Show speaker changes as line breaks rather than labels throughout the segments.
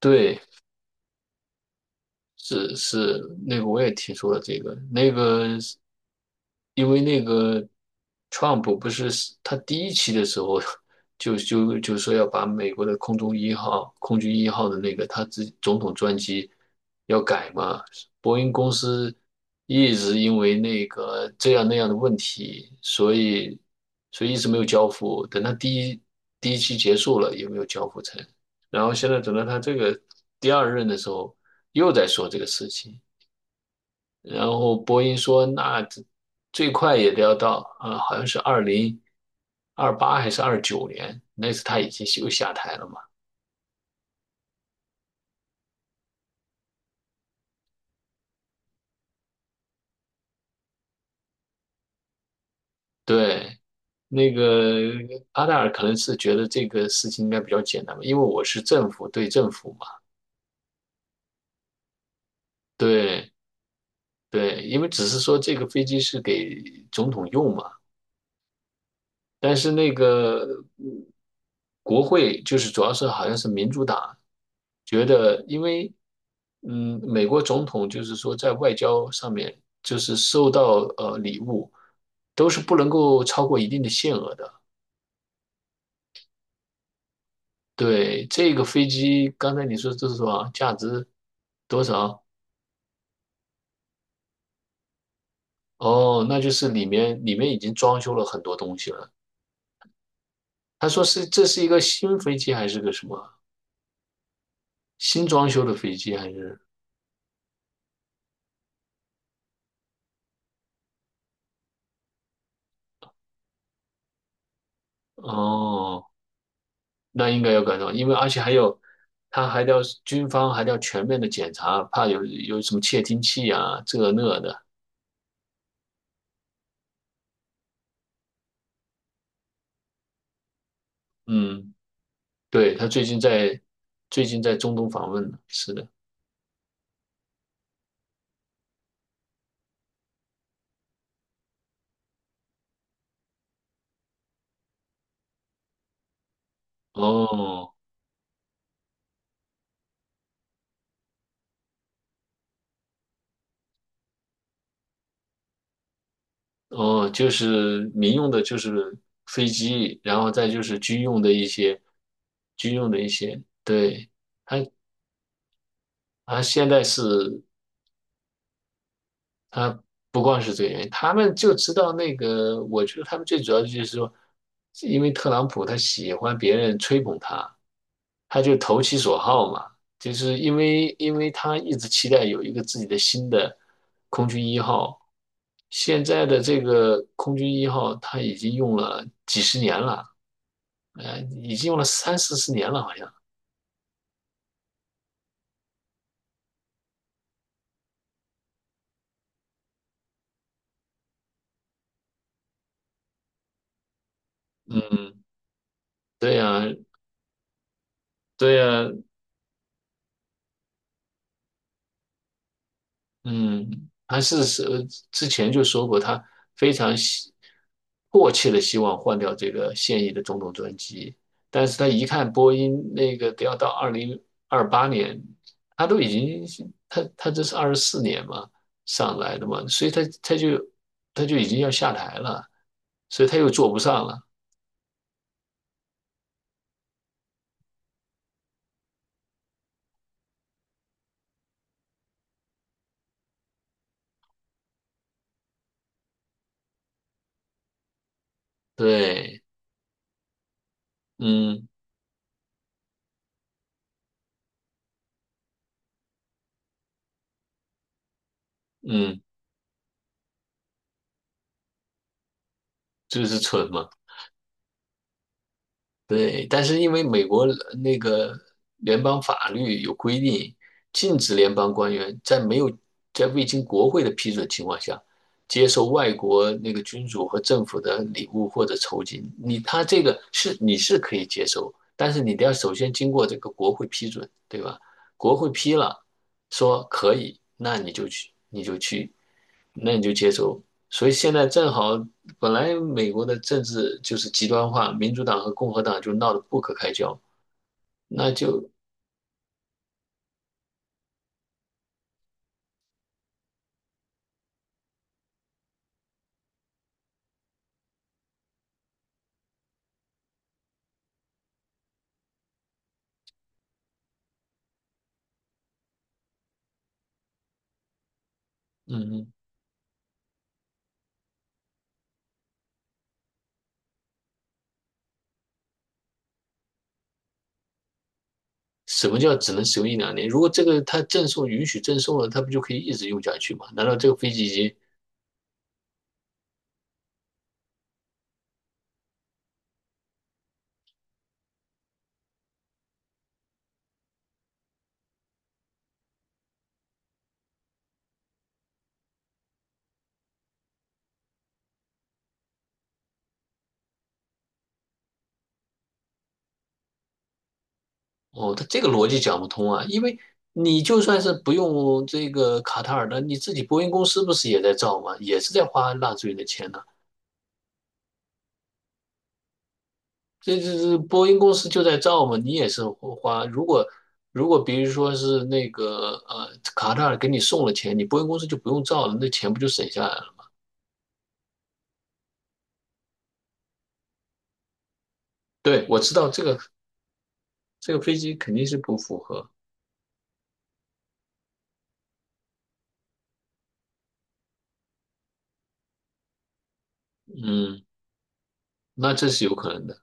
对，是是，那个我也听说了这个，那个因为那个 Trump 不是他第一期的时候就说要把美国的空中一号、空军一号的那个他自己总统专机要改嘛，波音公司一直因为那个这样那样的问题，所以一直没有交付，等他第一期结束了也没有交付成，然后现在等到他这个第二任的时候，又在说这个事情。然后波音说，那这最快也得要到，好像是二零二八还是二九年，那次他已经又下台了嘛。对，那个阿达尔可能是觉得这个事情应该比较简单吧，因为我是政府对政府嘛。对对，因为只是说这个飞机是给总统用嘛，但是那个嗯国会就是主要是好像是民主党觉得，因为美国总统就是说在外交上面就是收到礼物都是不能够超过一定的限额的。对，这个飞机刚才你说这是多少？价值多少？哦，那就是里面已经装修了很多东西了。他说是这是一个新飞机还是个什么新装修的飞机还是？哦，那应该要赶上，因为而且还有，他还要军方还要全面的检查，怕有什么窃听器啊，这那的。嗯，对，他最近在中东访问呢，是的。哦哦，就是民用的，就是飞机，然后再就是军用的一些，对，他他现在是他不光是这个原因，他们就知道那个，我觉得他们最主要的就是说，因为特朗普他喜欢别人吹捧他，他就投其所好嘛，就是因为他一直期待有一个自己的新的空军一号，现在的这个空军一号他已经用了几十年了，已经用了三四十年了，好像。嗯，对呀，对呀，嗯，他之前就说过，他非常希迫切的希望换掉这个现役的总统专机，但是他一看波音那个得要到二零二八年，他都已经他他这是二十四年嘛上来的嘛，所以他已经要下台了，所以他又做不上了。对，嗯嗯，就是蠢嘛。对，但是因为美国那个联邦法律有规定，禁止联邦官员在没有在未经国会的批准情况下，接受外国那个君主和政府的礼物或者酬金。你他这个是你是可以接受，但是你得要首先经过这个国会批准，对吧？国会批了，说可以，那你就去，你就去，那你就接受。所以现在正好，本来美国的政治就是极端化，民主党和共和党就闹得不可开交，那就嗯，什么叫只能使用一两年？如果这个它赠送允许赠送了，它不就可以一直用下去吗？难道这个飞机哦，它这个逻辑讲不通啊？因为你就算是不用这个卡塔尔的，你自己波音公司不是也在造吗？也是在花纳税人的钱这波音公司就在造嘛，你也是花。如果比如说是那个卡塔尔给你送了钱，你波音公司就不用造了，那钱不就省下来了？对，我知道这个。这个飞机肯定是不符合，嗯，那这是有可能的。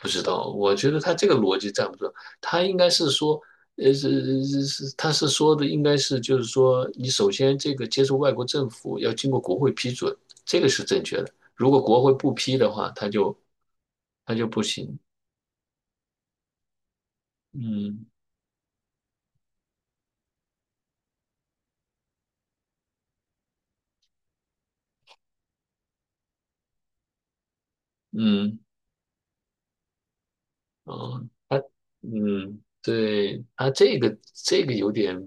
不知道，我觉得他这个逻辑站不住，他应该是说，是是是，他是说的应该是就是说，你首先这个接受外国政府要经过国会批准，这个是正确的。如果国会不批的话，他就不行。嗯嗯，哦，嗯，对，他这个有点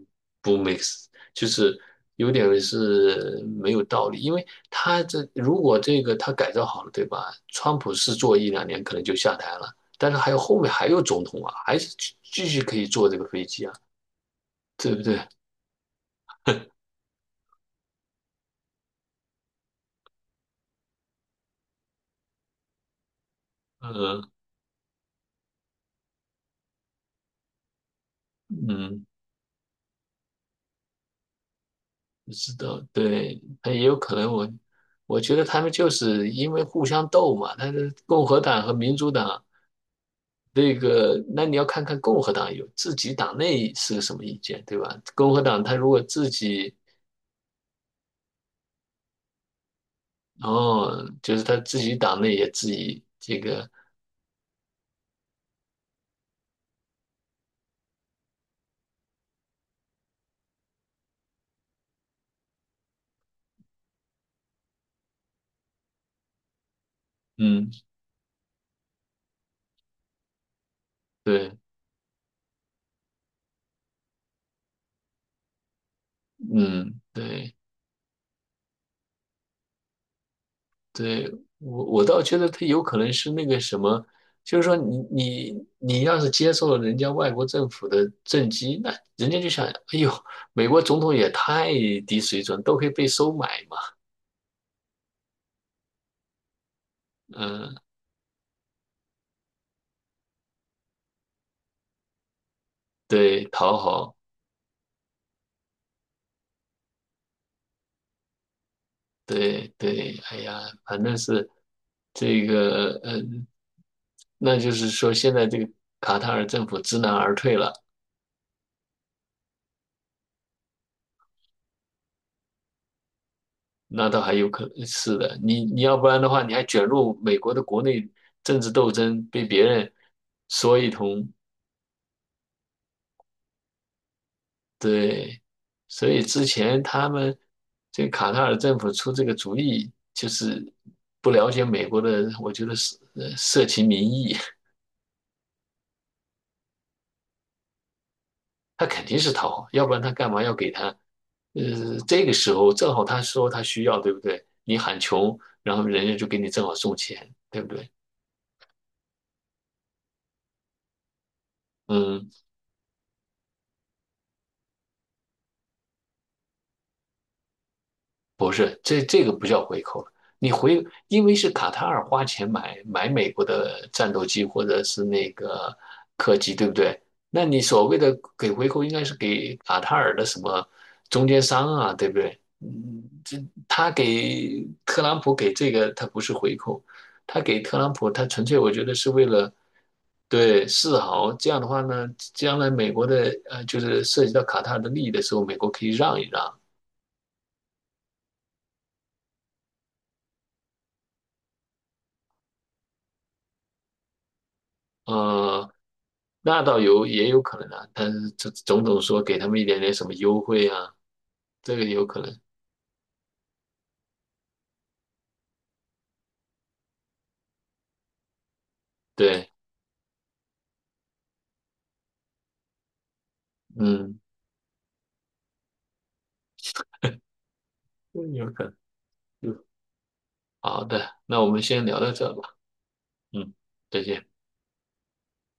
不 mix，就是有点是没有道理，因为如果这个他改造好了，对吧？川普是做一两年可能就下台了，但是还有后面还有总统啊，还是继续可以坐这个飞机啊，对不对？嗯嗯，不知道，对，那也有可能。我觉得他们就是因为互相斗嘛，他是共和党和民主党。这个，那你要看看共和党有自己党内是个什么意见，对吧？共和党他如果自己，哦，就是他自己党内也自己这个，嗯，对，嗯，对，对，我倒觉得他有可能是那个什么，就是说你要是接受了人家外国政府的政绩，那人家就想，哎呦，美国总统也太低水准，都可以被收买嘛，嗯，对，讨好。对对，哎呀，反正是这个，那就是说现在这个卡塔尔政府知难而退了，那倒还有可能是的。你要不然的话，你还卷入美国的国内政治斗争，被别人说一通，对。所以之前他们这个卡塔尔政府出这个主意，就是不了解美国的，我觉得是社情民意，他肯定是讨好，要不然他干嘛要给他？这个时候正好他说他需要，对不对？你喊穷，然后人家就给你正好送钱，对不对？嗯，不是，这个不叫回扣了。因为是卡塔尔花钱买美国的战斗机或者是那个客机，对不对？那你所谓的给回扣，应该是给卡塔尔的什么中间商啊，对不对？嗯，这他给特朗普给这个，他不是回扣，他给特朗普，他纯粹我觉得是为了对示好。这样的话呢，将来美国的就是涉及到卡塔尔的利益的时候，美国可以让一让。呃，那倒也有可能啊，但是这种说给他们一点点什么优惠啊，这个有可能。对，嗯，有可能。嗯，好的，那我们先聊到这吧。嗯，再见。